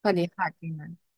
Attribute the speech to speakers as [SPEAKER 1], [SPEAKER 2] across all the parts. [SPEAKER 1] สวัสดีค่ะเจนนะ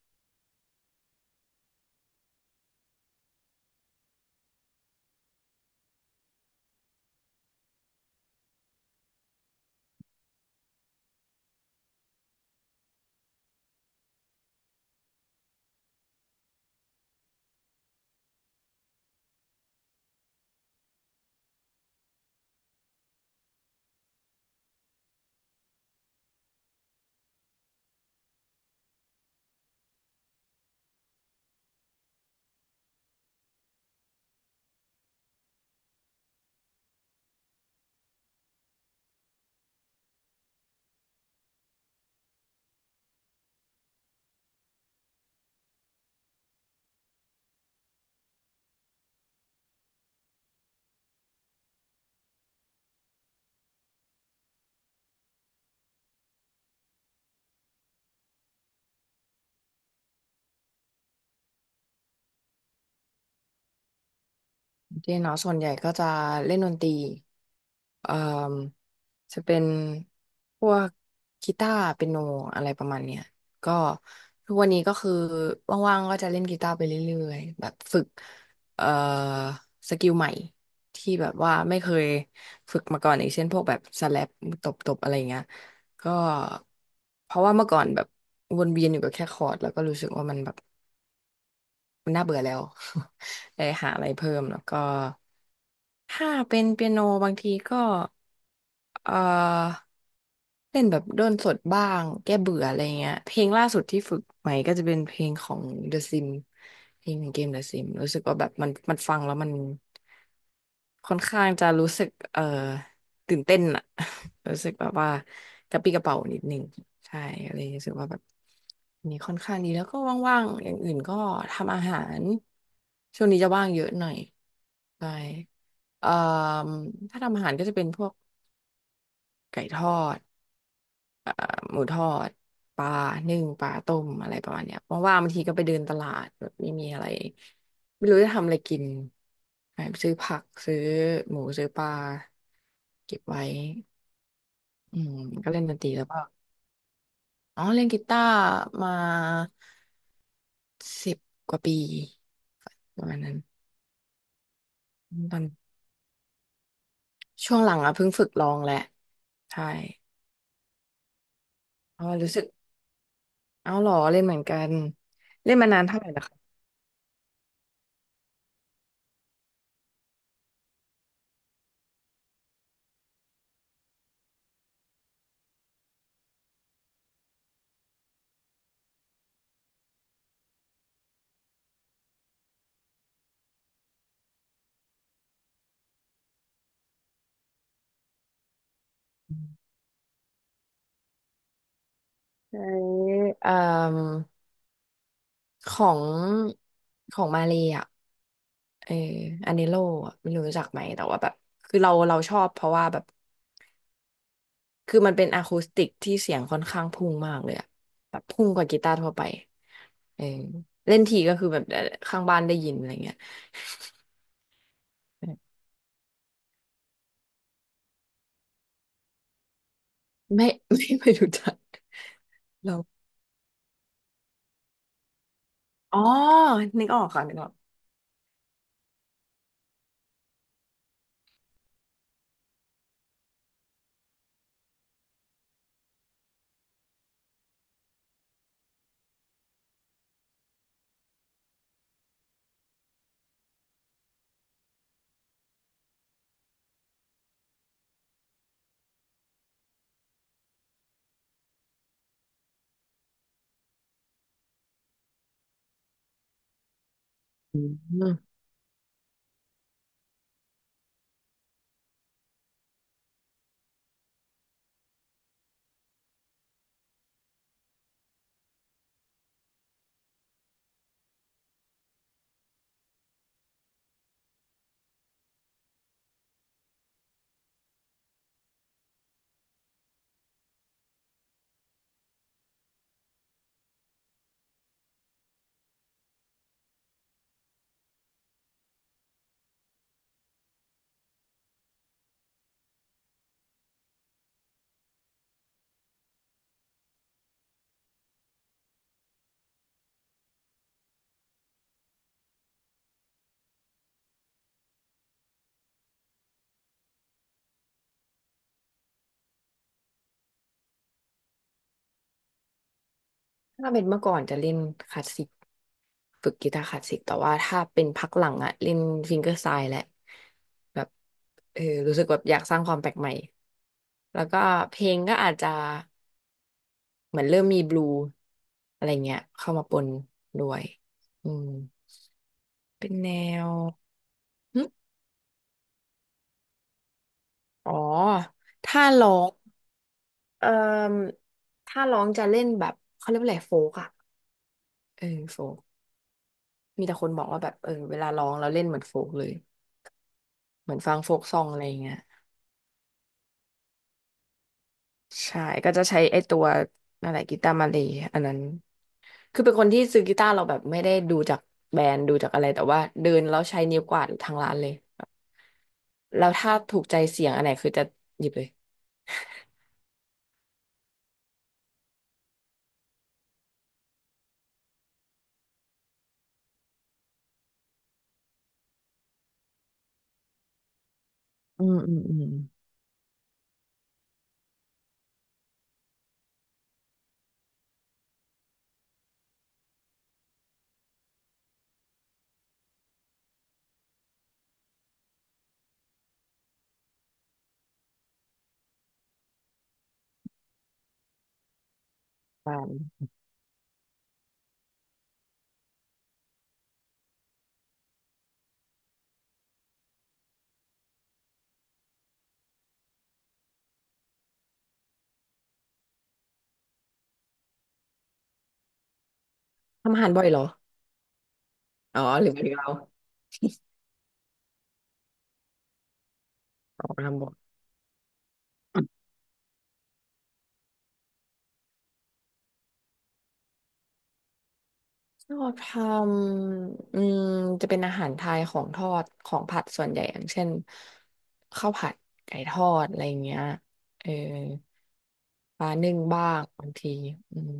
[SPEAKER 1] เจนเนาะส่วนใหญ่ก็จะเล่นดนตรีเอ่อจะเป็นพวกกีตาร์เปียโนอะไรประมาณเนี้ยก็ทุกวันนี้ก็คือว่างๆก็จะเล่นกีตาร์ไปเรื่อยๆแบบฝึกเอ่อสกิลใหม่ที่แบบว่าไม่เคยฝึกมาก่อนอย่างเช่นพวกแบบสแลปตบๆอะไรเงี้ยก็เพราะว่าเมื่อก่อนแบบวนเวียนอยู่กับแค่คอร์ดแล้วก็รู้สึกว่ามันแบบ มันน่าเบื่อแล้ว เลยหาอะไรเพิ่มแล้วก็ ถ้าเป็นเปียโนบางทีก็เอ่อเล่นแบบด้นสดบ้างแก้เบื่ออะไรเงี้ยเพลงล่าสุดที่ฝึกใหม่ก็จะเป็นเพลงของ The Sim เพลงของเกม The Sim รู้สึกว่าแบบมันฟังแล้วมันค่อนข้างจะรู้สึกตื่นเต้นอะ รู้สึกแบบว่ากระปรี้กระเป๋านิดนึงใช่เลยรรู้สึกว่าแบบอันนี้ค่อนข้างดีแล้วก็ว่างๆอย่างอื่นก็ทำอาหารช่วงนี้จะว่างเยอะหน่อยใช่ เอ่อถ้าทำอาหารก็จะเป็นพวกไก่ทอดเอ่อหมูทอดปลานึ่งปลาต้มอะไรประมาณเนี้ยว่างๆบางทีก็ไปเดินตลาดแบบไม่มีอะไรไม่รู้จะทำอะไรกินไปซื้อผักซื้อหมูซื้อปลาเก็บไว้อืมก็เล่นดนตรีแล้วก็อ๋อเล่นกีตาร์มา10 กว่าปีประมาณนั้นตอนช่วงหลังอ่ะเพิ่งฝึกร้องแหละใช่เพราะว่ารู้สึก เอาเหรอเล่นเหมือนกันเล่นมานานเท่าไหร่นะคะใช้เอ่มของของมาเลยอ่ะเอออันเนโลอะไม่รู้รู้จักไหมแต่ว่าแบบคือเราชอบเพราะว่าแบบคือมันเป็นอะคูสติกที่เสียงค่อนข้างพุ่งมากเลยอะแบบพุ่งกว่ากีตาร์ทั่วไปเออเล่นทีก็คือแบบข้างบ้านได้ยินอะไรเงี้ยเออไม่ ไม่รู้จักเราอ๋อนึกออกค่ะนึกออกอืมถ้าเป็นเมื่อก่อนจะเล่นคลาสสิก ฝึกกีตาร์คลาสสิกแต่ว่าถ้าเป็นพักหลังอะเล่นฟิงเกอร์สไตล์แหละแบบเออรู้สึกแบบอยากสร้างความแปลกใหม่แล้วก็เพลงก็อาจจะเหมือนเริ่มมีบลูอะไรเงี้ยเข้ามาปนด้วยอืมเป็นแนวหึอ๋อถ้าร้องเอ่อถ้าร้องจะเล่นแบบเขาเรียกว่าอะไรโฟกอะเออโฟกมีแต่คนบอกว่าแบบเออเวลาร้องเราเล่นเหมือนโฟกเลยเหมือนฟังโฟกซองอะไรอย่างเงี้ย ใช่ก็จะใช้ไอ้ตัวอะไรกีตาร์มาเลยอันนั้นคือเป็นคนที่ซื้อกีตาร์เราแบบไม่ได้ดูจากแบรนด์ดูจากอะไรแต่ว่าเดินแล้วใช้นิ้วกวาดทางร้านเลยแล้วถ้าถูกใจเสียงอันไหนคือจะหยิบเลยอืมอืมอืมบ้านทำอาหารบ่อยเหรออ๋อหรือว่าเราอ๋อทำบ่อย ทอดทำอืมจะเป็นอาหารไทยของทอดของผัดส่วนใหญ่อย่างเช่นข้าวผัดไก่ทอดอะไรอย่างเงี้ยเออปลานึ่งบ้างบางทีอืม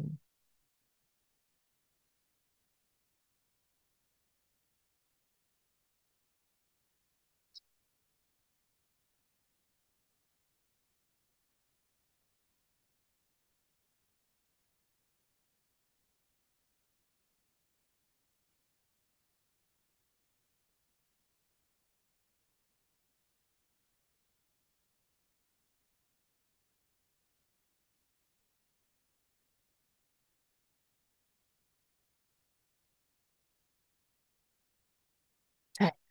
[SPEAKER 1] ใช่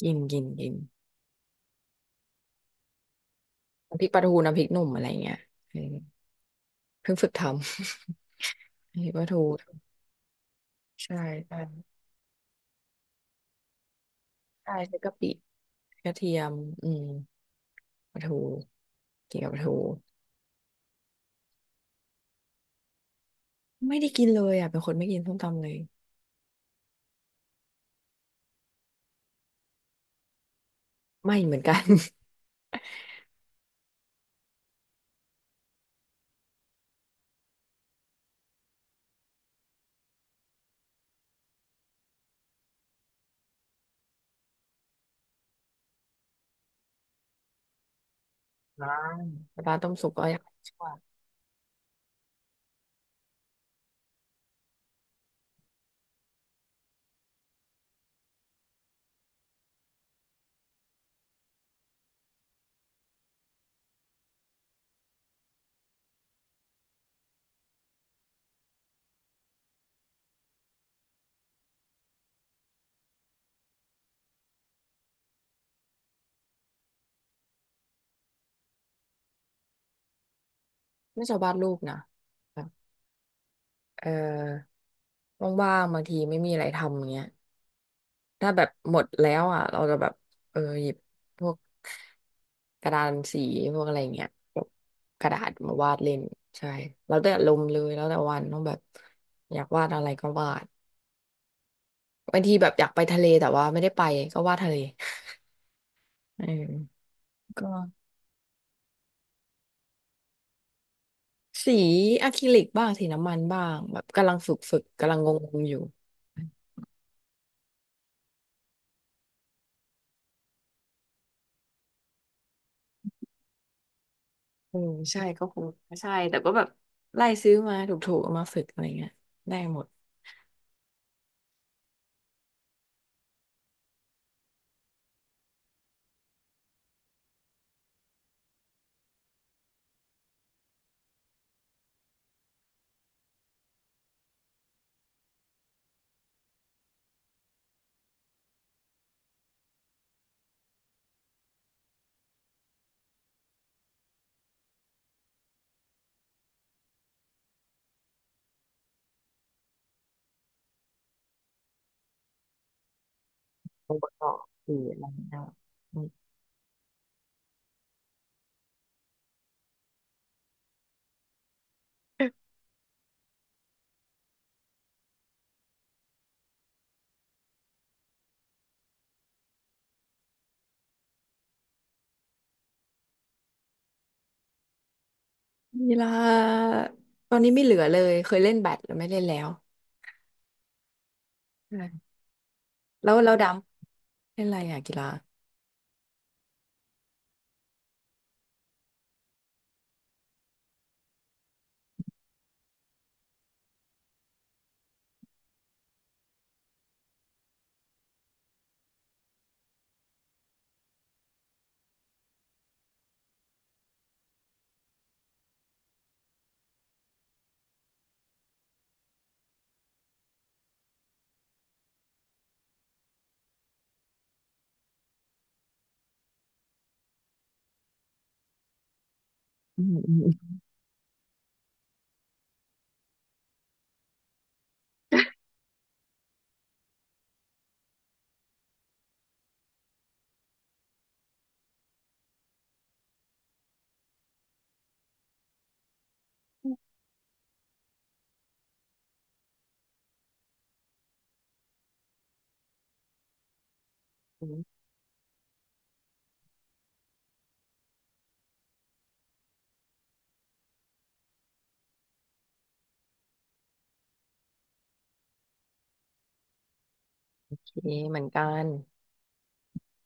[SPEAKER 1] กินกินกินน้ำพริกปลาทูน้ำพริกหนุ่มอะไรเงี้ยเออเพิ่งฝึกทำ น้ำพริกปลาทูใช่ใช่ใช่ใช้กะปิกระเทียมอืมปลาทูกินกับปลาทูไม่ได้กินเลยอ่ะเป็นคนไม่กินส้มตำเลยไม่เหมือนกัน ร้านแต่ปลาต้มสุกก็ยังชอบไม่ชอบวาดรูปนะแบบเออว่างๆบางทีไม่มีอะไรทำอย่างเงี้ยถ้าแบบหมดแล้วอ่ะเราจะแบบเออหยิบพวกกระดานสีพวกอะไรอย่างเงี้ยแบบกระดาษมาวาดเล่นใช่แล้วแต่ลมณ์เลยแล้วแต่วันต้องแบบอยากวาดอะไรก็วาดบางทีแบบอยากไปทะเลแต่ว่าไม่ได้ไปก็วาดทะเลเออก็สีอะคริลิกบ้างสีน้ำมันบ้างแบบกำลังฝึกกำลังงงๆอยู่ เออใช่ก็คงใช่แต่ก็แบบไล่ซื้อมาถูกๆเอามาฝึกอะไรเงี้ยได้หมดโอเวอร์คืออะไรเงี้ยอืมกีฬาตอนนี้ไม่เหลือเลยเคยเล่นแบดแต่ไม่เล่นแล้วใช่แล้วเราดำเล่นอะไรอ่ะกีฬาอืมอืมอืมโอเคเหมือนกัน